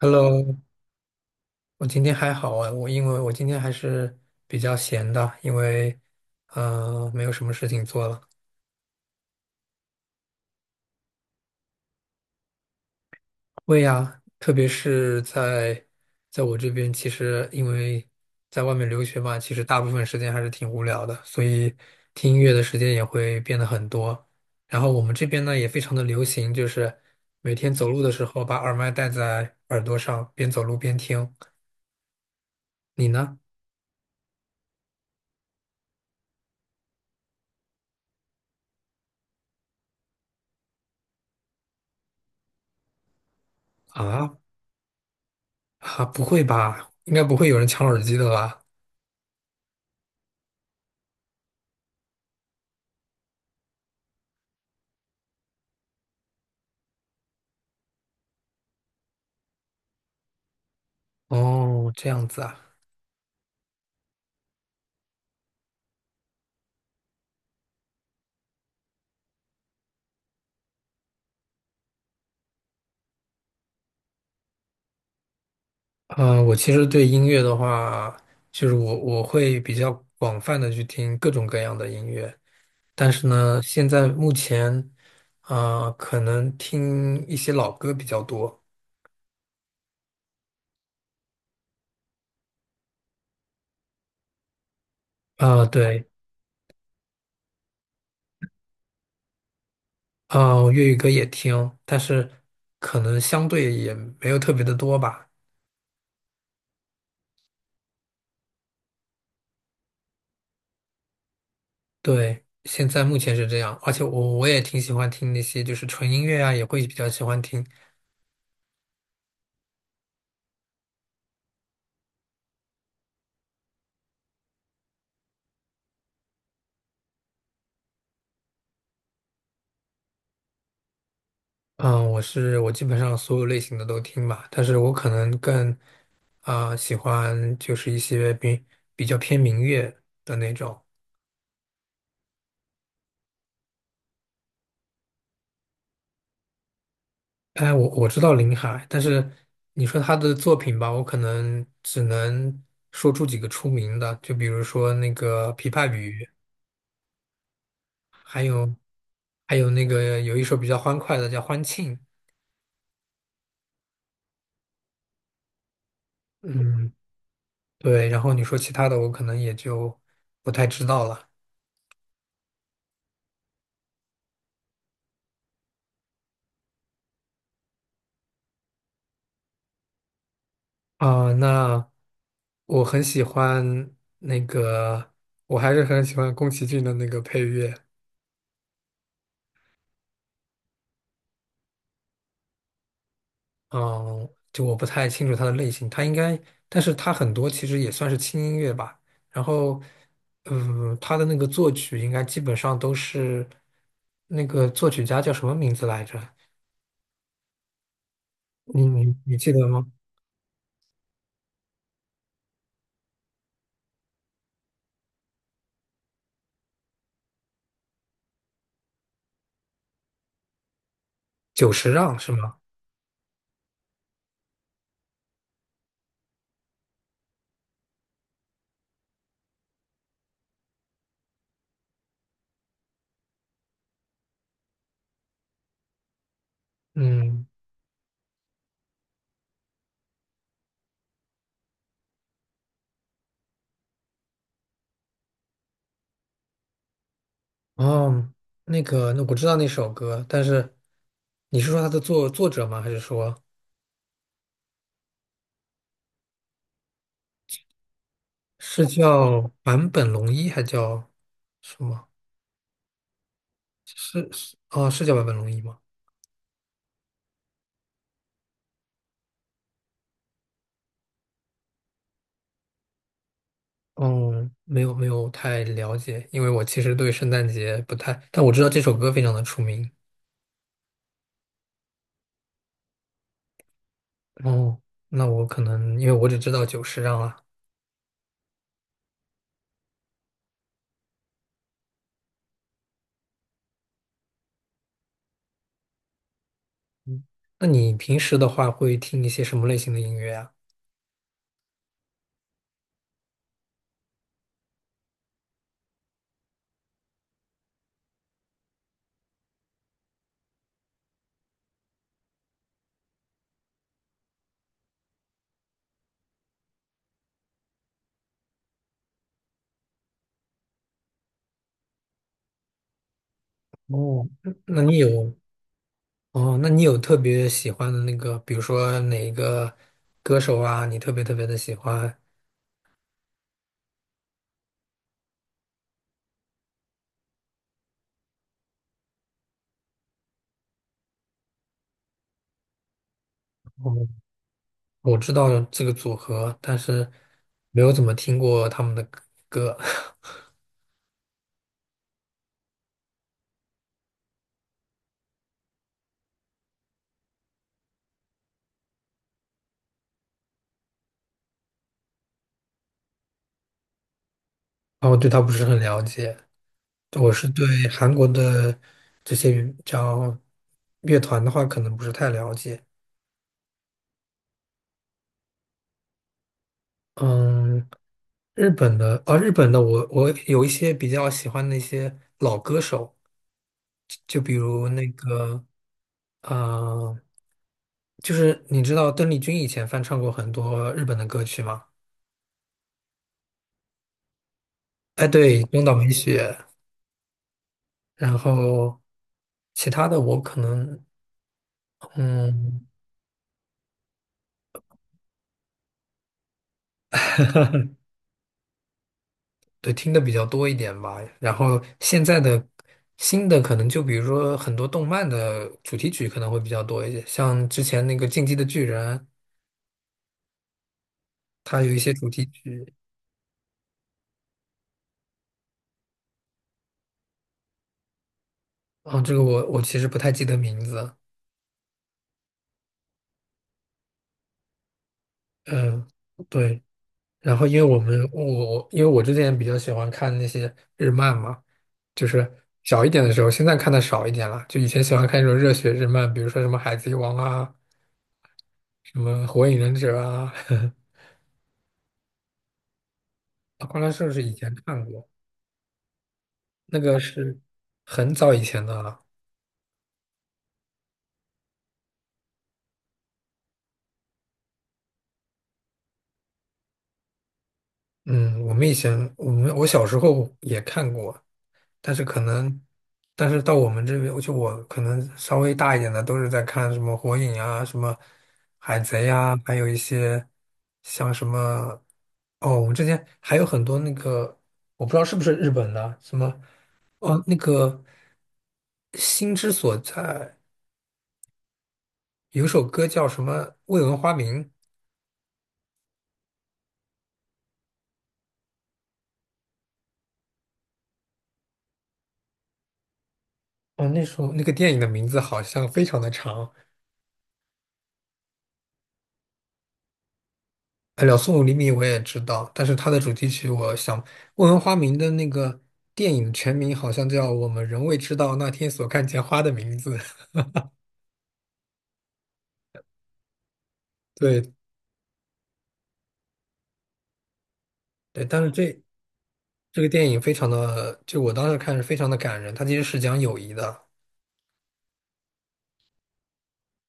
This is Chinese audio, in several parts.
Hello，我今天还好啊，因为我今天还是比较闲的，因为没有什么事情做了。会呀，特别是在我这边，其实因为在外面留学嘛，其实大部分时间还是挺无聊的，所以听音乐的时间也会变得很多。然后我们这边呢也非常的流行，就是每天走路的时候把耳麦戴在耳朵上，边走路边听。你呢？啊，啊，不会吧？应该不会有人抢耳机的吧？哦，这样子啊。呃，我其实对音乐的话，就是我会比较广泛的去听各种各样的音乐，但是呢，现在目前，呃，可能听一些老歌比较多。啊、对。啊、粤语歌也听，但是可能相对也没有特别的多吧。对，现在目前是这样，而且我也挺喜欢听那些就是纯音乐啊，也会比较喜欢听。嗯，我基本上所有类型的都听吧，但是我可能更啊、喜欢就是一些比较偏民乐的那种。哎，我知道林海，但是你说他的作品吧，我可能只能说出几个出名的，就比如说那个《琵琶语》，还有还有那个有一首比较欢快的叫《欢庆》，嗯，对，然后你说其他的，我可能也就不太知道了。啊，那我很喜欢那个，我还是很喜欢宫崎骏的那个配乐。嗯，就我不太清楚它的类型，它应该，但是它很多其实也算是轻音乐吧。然后，嗯，它的那个作曲应该基本上都是那个作曲家叫什么名字来着？你记得吗？久石让是吗？嗯，哦，那个，那我知道那首歌，但是你是说他的作者吗？还是说？是叫坂本龙一还叫什么？是是哦，是叫坂本龙一吗？哦，没有没有太了解，因为我其实对圣诞节不太，但我知道这首歌非常的出名。哦，那我可能因为我只知道久石让啊。嗯，那你平时的话会听一些什么类型的音乐啊？哦，那你有哦，那你有特别喜欢的那个，比如说哪一个歌手啊，你特别特别的喜欢？哦，我知道这个组合，但是没有怎么听过他们的歌。然后对他不是很了解。我是对韩国的这些叫乐团的话，可能不是太了解。嗯，日本的，啊，日本的我，我有一些比较喜欢的一些老歌手，就比如那个，呃，就是你知道邓丽君以前翻唱过很多日本的歌曲吗？哎，对，中岛美雪。然后其他的我可能嗯，对，听的比较多一点吧。然后现在的新的可能就比如说很多动漫的主题曲可能会比较多一些，像之前那个《进击的巨人》，它有一些主题曲啊，这个我其实不太记得名字。嗯，对，然后因为我之前比较喜欢看那些日漫嘛，就是小一点的时候，现在看的少一点了。就以前喜欢看那种热血日漫，比如说什么《海贼王》啊，什么《火影忍者》啊，《灌篮高手是以前看过，那个是很早以前的了。嗯，我们我小时候也看过，但是可能，但是到我们这边，就我可能稍微大一点的，都是在看什么火影啊，什么海贼啊，还有一些像什么，哦，我们之前还有很多那个，我不知道是不是日本的，什么，哦，那个心之所在，有首歌叫什么《未闻花名》。哦，那首那个电影的名字好像非常的长，呃两宋五厘米》我也知道，但是它的主题曲，我想问问花名的那个电影全名好像叫《我们仍未知道那天所看见花的名字》。对对，但是这这个电影非常的，就我当时看是非常的感人，它其实是讲友谊的。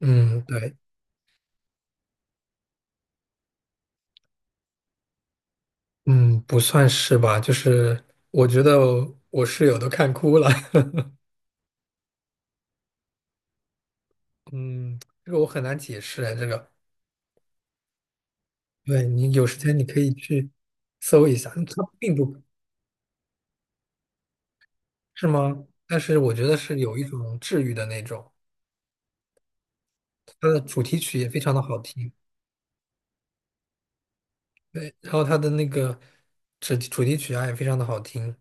嗯，对，嗯，不算是吧，就是我觉得我室友都看哭了。嗯，这个我很难解释哎，这个，对你有时间你可以去搜一下，它并不是吗？但是我觉得是有一种治愈的那种，它的主题曲也非常的好听，对，然后它的那个主题曲啊也非常的好听，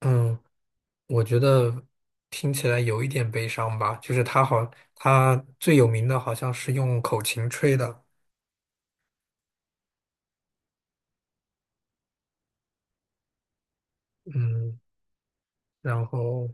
嗯，我觉得听起来有一点悲伤吧，就是它好，它最有名的好像是用口琴吹的。嗯，然后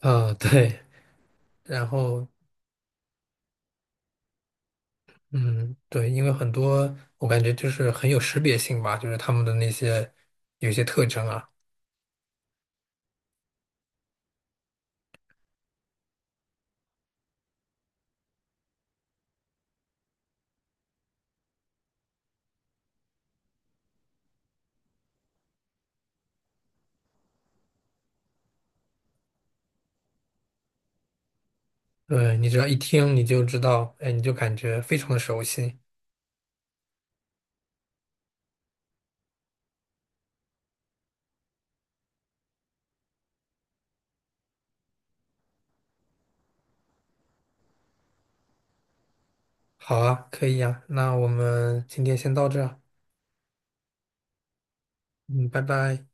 对，然后嗯对，因为很多我感觉就是很有识别性吧，就是他们的那些有一些特征啊。对，你只要一听你就知道，哎，你就感觉非常的熟悉。好啊，可以呀，那我们今天先到这儿嗯，拜拜。